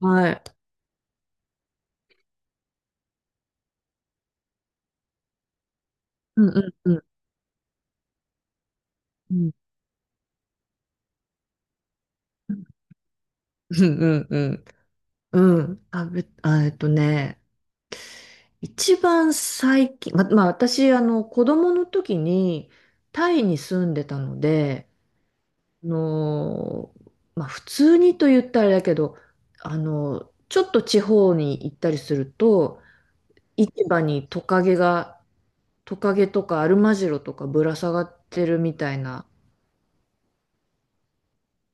はい。うんうんうんうん。うんうんうん。うん。あ、あ、一番最近、まあ私、子供の時にタイに住んでたので、あのー、まあ普通にと言ったらあれだけど、ちょっと地方に行ったりすると、市場にトカゲとかアルマジロとかぶら下がってるみたいな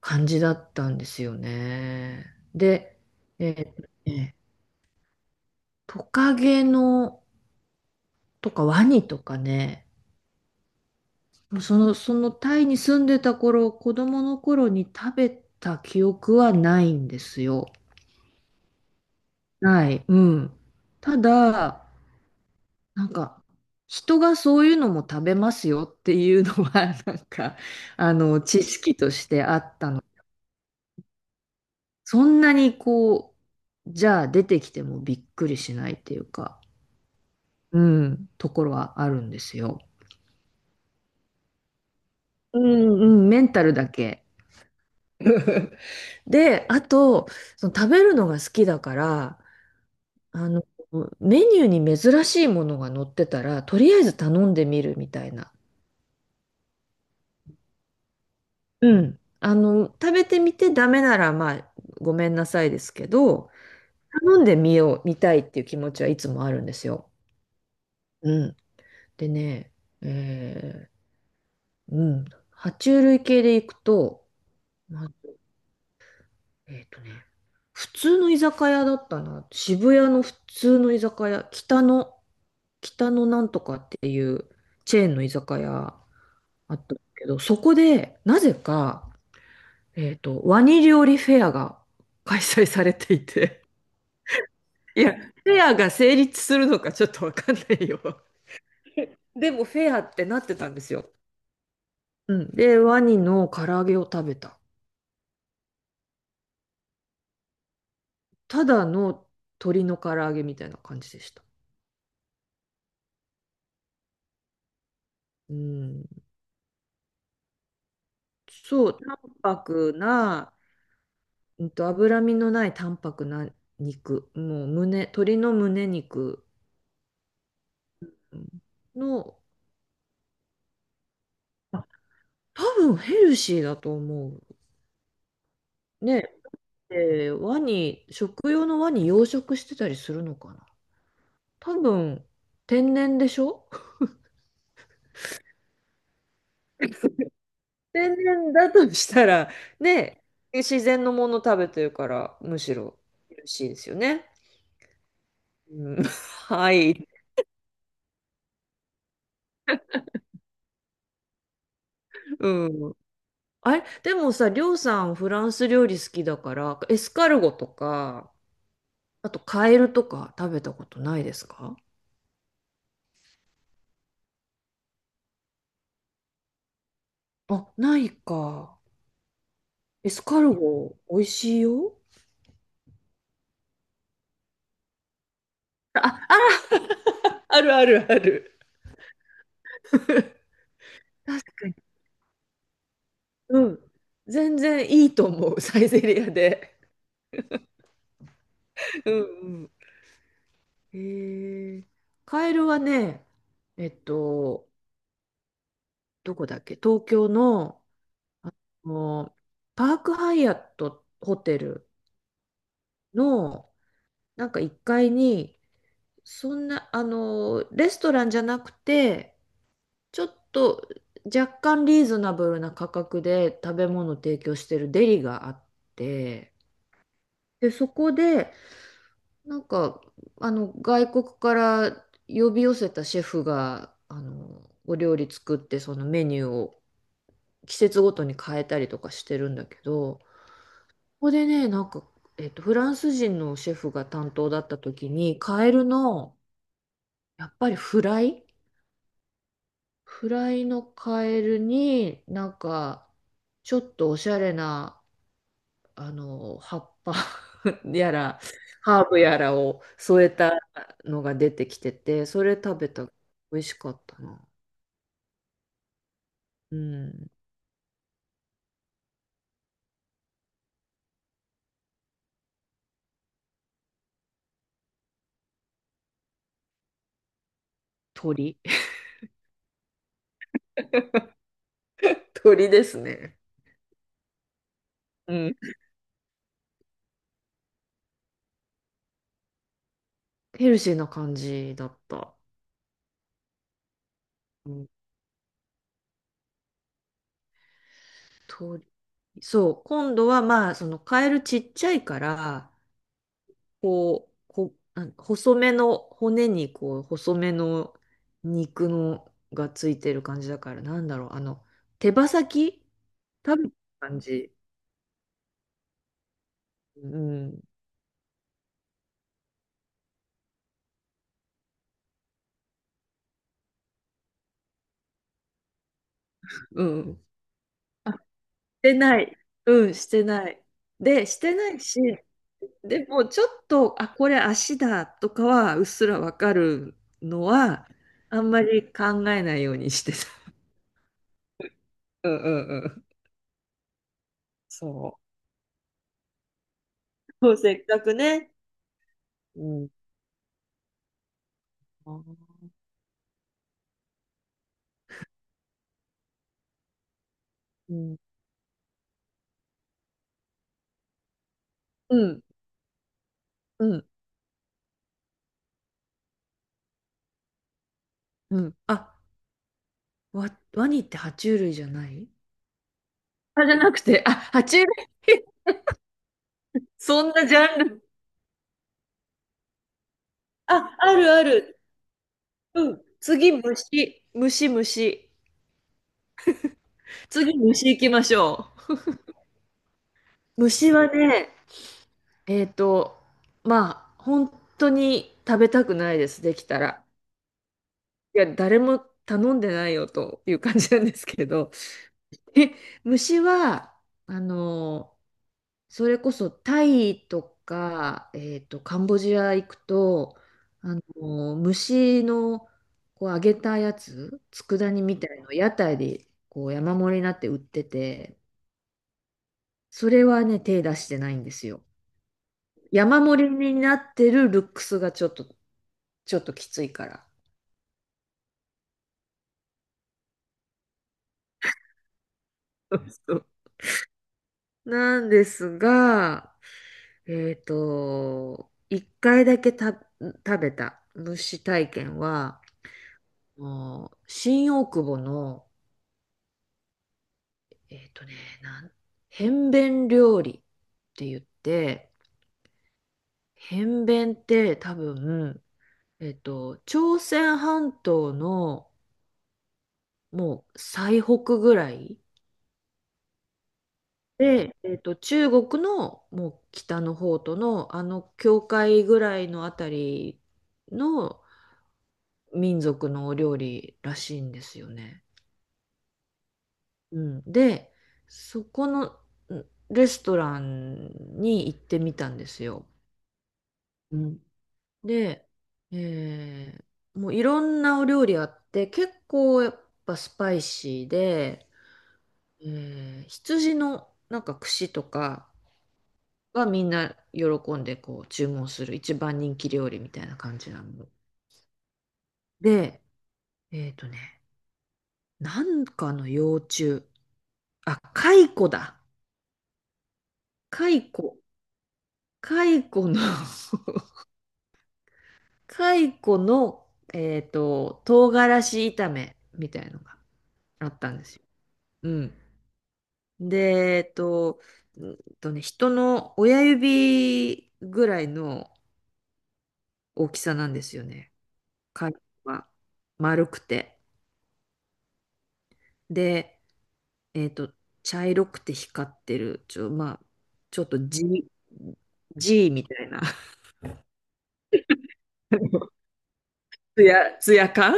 感じだったんですよね。で、えーとねトカゲのとかワニとかね、もうそのタイに住んでた頃、子供の頃に食べた記憶はないんですよ。ない。うん。ただ、なんか、人がそういうのも食べますよっていうのは、なんか、知識としてあったの。そんなにこう、じゃあ出てきてもびっくりしないっていうか。うん、ところはあるんですよ。うんうん、メンタルだけ。で、あと、その食べるのが好きだから、あの、メニューに珍しいものが載ってたら、とりあえず頼んでみるみたいな。うん。食べてみてダメなら、まあ、ごめんなさいですけど、頼んでみよう、見たいっていう気持ちはいつもあるんですよ。うん。でね、えうん。爬虫類系でいくと、まあえっとね、普通の居酒屋だったな。渋谷の普通の居酒屋、北のなんとかっていうチェーンの居酒屋あったけど、そこで、なぜか、ワニ料理フェアが 開催されていて、いや、フェアが成立するのかちょっとわかんないよ。でもフェアってなってたんですよ。うん。で、ワニの唐揚げを食べた。ただの鶏の唐揚げみたいな感じでした。うん。そう、淡白な、脂身のない淡白な肉、もう胸、鶏の胸肉の、まあ、多分ヘルシーだと思う。ね、で、食用のワニ養殖してたりするのかな。多分、天然でしょ。天然だとしたら、ね、自然のもの食べてるから、むしろヘルシーですよね。うん、はい。うん。あれ、でもさ、りょうさんフランス料理好きだから、エスカルゴとか、あとカエルとか食べたことないですか？あ、ないか。エスカルゴ、美味しいよ。あ、あるあるある。確かに。うん。全然いいと思う、サイゼリアで。うんうん。へえ。カエルはね、えっと、どこだっけ東京の、あの、パークハイアットホテルの、なんか1階に、そんな、レストランじゃなくて、ちょっと若干リーズナブルな価格で食べ物を提供してるデリがあって、で、そこで、なんか、外国から呼び寄せたシェフが、お料理作って、そのメニューを季節ごとに変えたりとかしてるんだけど、ここでね、なんか、フランス人のシェフが担当だった時に、カエルの、やっぱりフライのカエルになんかちょっとおしゃれな葉っぱ やらハーブやらを添えたのが出てきてて、それ食べた。美味しかったな。うん。鳥。 鳥ですね。うん、ヘルシーな感じだった、うん、鳥。そう、今度はまあそのカエルちっちゃいから、こう、あ、細めの骨にこう、細めの肉のがついてる感じだから、なんだろう、手羽先食べた感じ。うん、うん。してない。うん、してない。で、してないし、でもちょっと、あ、これ足だとかはうっすらわかるのは、あんまり考えないようにしてた。うんうんうん。そう。そう、せっかくね。うん。うん。うん。うん。うん。あ、ワニって爬虫類じゃない？あ、じゃなくて、あ、爬虫類。 そんなジャンル。あ、あるある。うん。次、虫。虫、虫。次、虫行きましょう。虫はね、えっと、まあ、本当に食べたくないです、できたら。いや、誰も頼んでないよという感じなんですけど。え、虫は、あの、それこそタイとか、カンボジア行くと、虫のこう揚げたやつ、佃煮みたいの屋台でこう山盛りになって売ってて、それはね、手出してないんですよ。山盛りになってるルックスがちょっと、きついから。そうそうなんですが、一回だけ食べた虫体験は、あの新大久保のえっとね、なん、変弁料理って言って、変弁って多分、朝鮮半島のもう最北ぐらいで、中国のもう北の方とのあの境界ぐらいのあたりの民族のお料理らしいんですよね。うん、で、そこのんレストランに行ってみたんですよ。うん、で、えーもういろんなお料理あって、結構やっぱスパイシーで、羊のなんか串とかはみんな喜んでこう注文する一番人気料理みたいな感じなの。で、えっとね、なんかの幼虫。あ、蚕だ。蚕。蚕の 蚕の、唐辛子炒めみたいのがあったんですよ。うん。で、えっと、人の親指ぐらいの大きさなんですよね。貝は丸くて。で、えっと、茶色くて光ってる、まあ、ちょっと G みたいな、ツヤ感、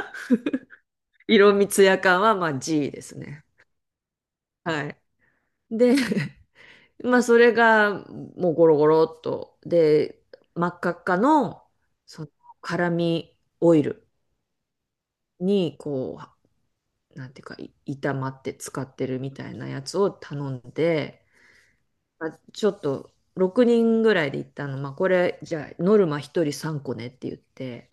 色味ツヤ感は、まあ G ですね。はい。で、まあ、それが、もうゴロゴロっと。で、真っ赤っかの、その、辛味オイルにこうなんていうか炒まって使ってるみたいなやつを頼んで、まあ、ちょっと6人ぐらいで行ったの、まあ、これじゃあノルマ1人3個ねって言って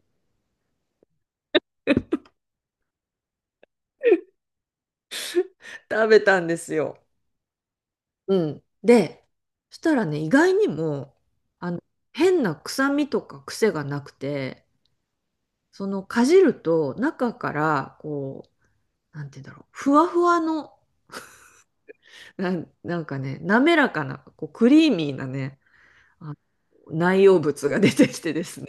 食べたんですよ。うん、で、そしたらね、意外にもあの変な臭みとか癖がなくて、そのかじると中からこう、なんて言うんだろう、ふわふわのなんかね、滑らかなこうクリーミーなね、あ内容物が出てきてですね。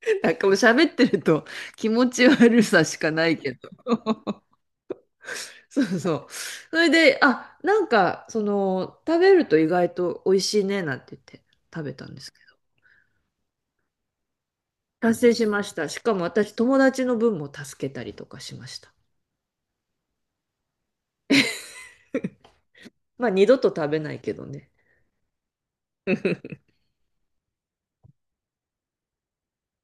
なんかもう喋ってると気持ち悪さしかないけど。そうそう。それで、あ、なんか、その、食べると意外と美味しいねなんて言って食べたんですけど。達成しました。しかも私、友達の分も助けたりとかしました。まあ、二度と食べないけどね。